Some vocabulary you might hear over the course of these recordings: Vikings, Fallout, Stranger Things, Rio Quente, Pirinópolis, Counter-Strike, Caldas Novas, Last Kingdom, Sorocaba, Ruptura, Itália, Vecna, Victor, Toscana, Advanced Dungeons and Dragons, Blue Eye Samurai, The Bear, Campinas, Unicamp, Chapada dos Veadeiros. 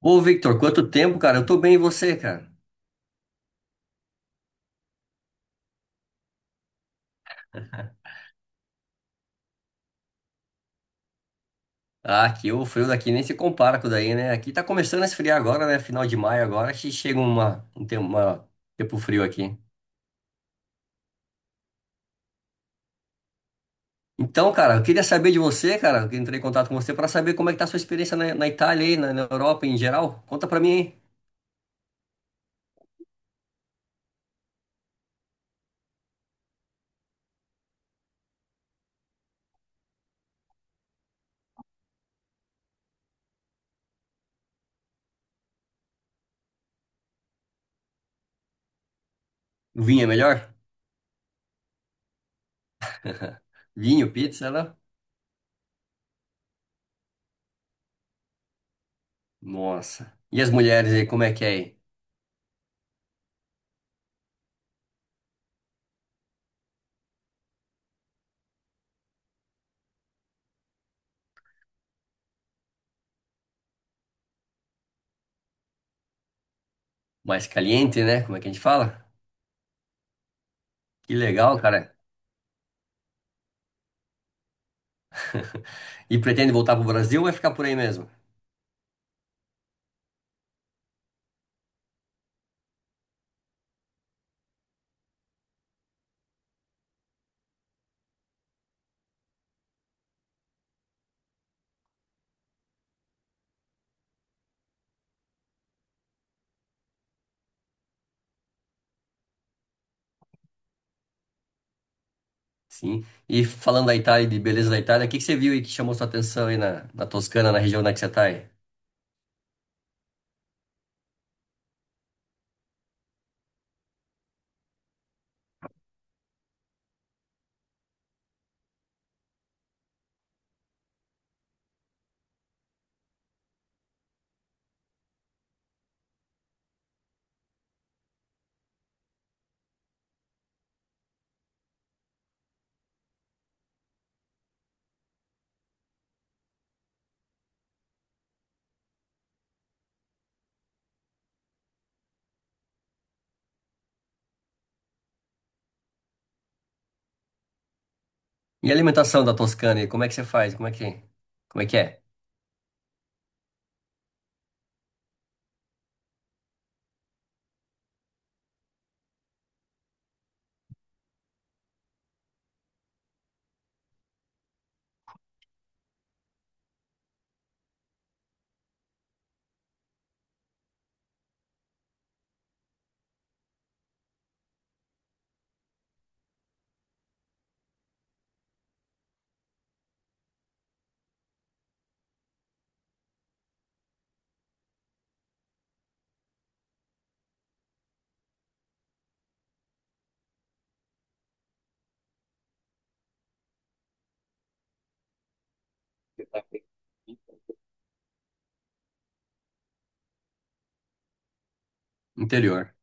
Ô, Victor, quanto tempo, cara? Eu tô bem, e você, cara? Ah, aqui o frio daqui nem se compara com o daí, né? Aqui tá começando a esfriar agora, né? Final de maio agora, que chega uma, um tempo, uma- tempo frio aqui. Então, cara, eu queria saber de você, cara, que entrei em contato com você pra saber como é que tá a sua experiência na Itália aí, na Europa em geral. Conta pra mim, hein? Vinho é melhor? Vinho, pizza, né? Nossa. E as mulheres aí, como é que é aí? Mais caliente, né? Como é que a gente fala? Que legal, cara. E pretende voltar pro Brasil ou vai ficar por aí mesmo? Sim. E falando da Itália e de beleza da Itália, o que que você viu aí que chamou sua atenção aí na Toscana, na região onde é que você tá aí? E a alimentação da Toscana aí, como é que você faz? Como é que é? Interior.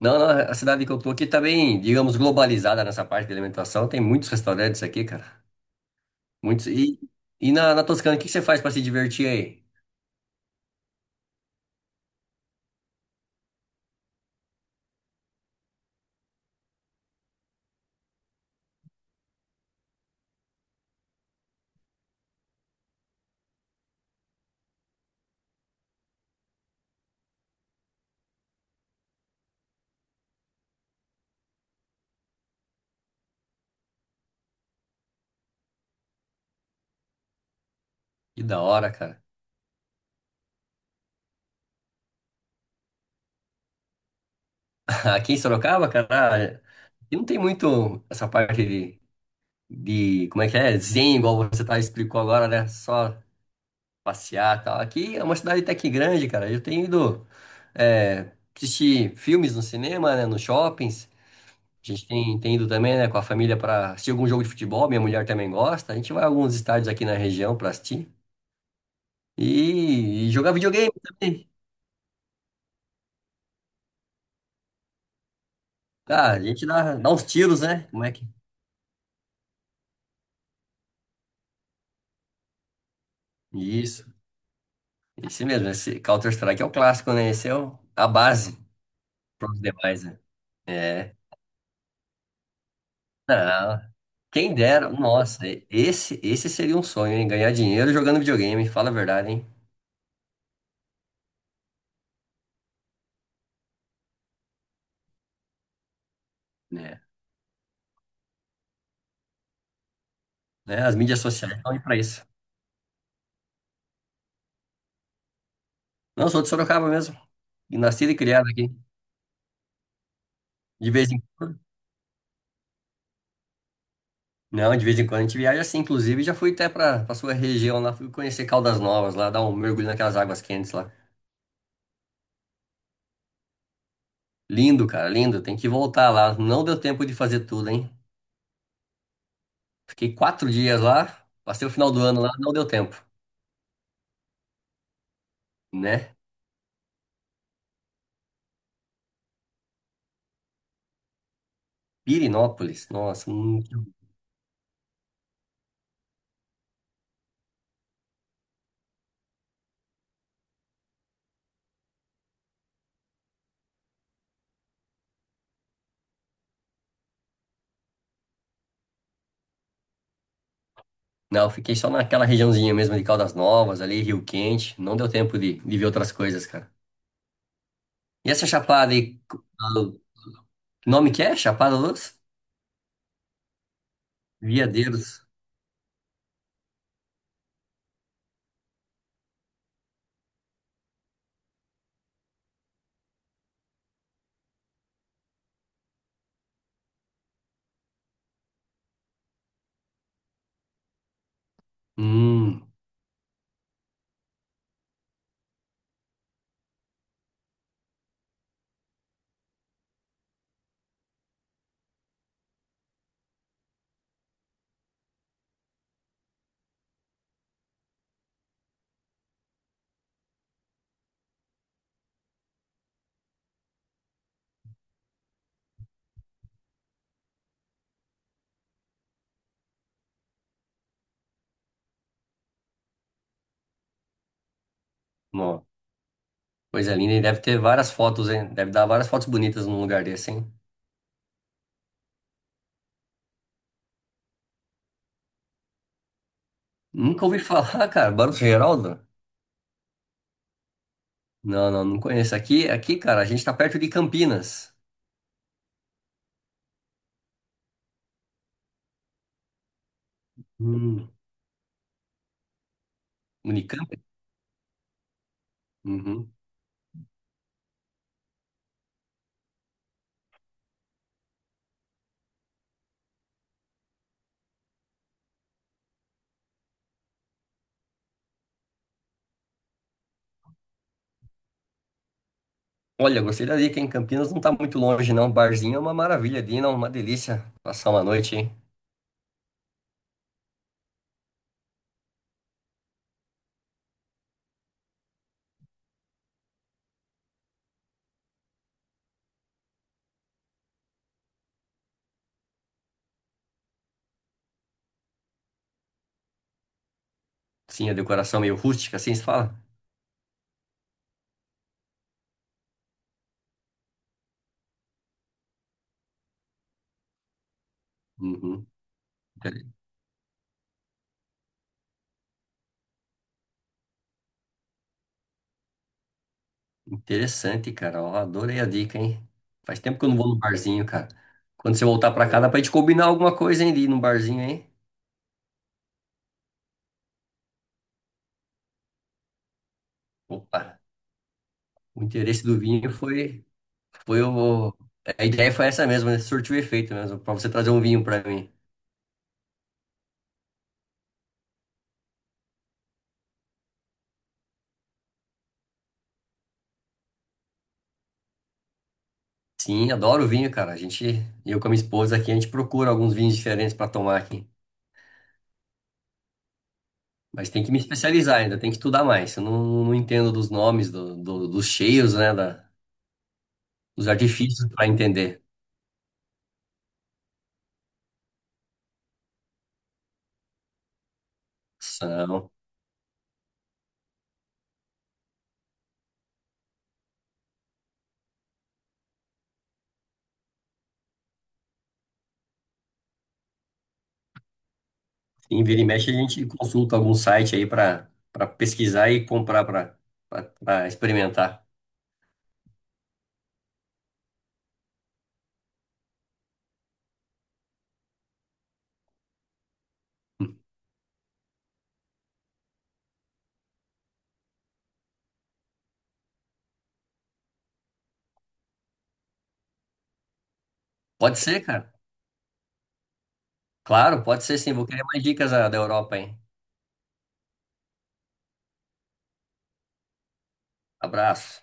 Não, a cidade que eu tô aqui tá bem, digamos, globalizada nessa parte de alimentação. Tem muitos restaurantes aqui, cara. Muitos. E na Toscana, o que que você faz pra se divertir aí? Que da hora, cara. Aqui em Sorocaba, cara, aqui não tem muito essa parte de, como é que é? Zen, igual você tá explicou agora, né? Só passear e tal. Aqui é uma cidade até que grande, cara. Eu tenho ido assistir filmes no cinema, né, nos shoppings. A gente tem ido também, né, com a família para assistir algum jogo de futebol. Minha mulher também gosta. A gente vai a alguns estádios aqui na região para assistir. E jogar videogame também. Ah, a gente dá uns tiros, né? Como é que. Isso. Esse mesmo, esse Counter-Strike é o clássico, né? Esse é o, a base para os demais, né? É. Não. Quem dera, nossa, esse seria um sonho, hein? Ganhar dinheiro jogando videogame, fala a verdade, hein? É, né? As mídias sociais estão aí pra isso. Não, sou de Sorocaba mesmo, e nascido e criado aqui. De vez em quando, não, de vez em quando a gente viaja assim, inclusive já fui até pra sua região lá, fui conhecer Caldas Novas lá, dar um mergulho naquelas águas quentes lá. Lindo, cara, lindo, tem que voltar lá. Não deu tempo de fazer tudo, hein? Fiquei quatro dias lá, passei o final do ano lá, não deu tempo, né? Pirinópolis, nossa. Hum. Não, eu fiquei só naquela regiãozinha mesmo de Caldas Novas, ali, Rio Quente. Não deu tempo de ver outras coisas, cara. E essa chapada aí, que nome que é? Chapada dos Veadeiros. Hum. Ó, coisa linda. E deve ter várias fotos, hein? Deve dar várias fotos bonitas num lugar desse, hein? Nunca ouvi falar, cara. Barros Geraldo? Não, não conheço. Aqui, cara, a gente tá perto de Campinas. Hum. Unicamp? Uhum. Olha, gostei da dica, hein? Campinas não tá muito longe, não. Barzinho é uma maravilha, Dina, uma delícia passar uma noite, hein? Sim, a decoração meio rústica, assim se fala? Uhum. Inter- Interessante, cara. Ó, adorei a dica, hein? Faz tempo que eu não vou no barzinho, cara. Quando você voltar pra cá, dá pra gente combinar alguma coisa, hein, de ir num barzinho, hein? Opa, o interesse do vinho foi, foi o... A ideia foi essa mesmo, né? Surtiu efeito mesmo, pra você trazer um vinho pra mim. Sim, adoro vinho, cara. A gente, eu com a minha esposa aqui, a gente procura alguns vinhos diferentes pra tomar aqui. Mas tem que me especializar ainda, tem que estudar mais. Eu não entendo dos nomes, dos cheios, né? Os artifícios para entender. São. Em vira e mexe, a gente consulta algum site aí para pesquisar e comprar para experimentar. Pode ser, cara. Claro, pode ser sim. Vou querer mais dicas da Europa, hein? Abraço.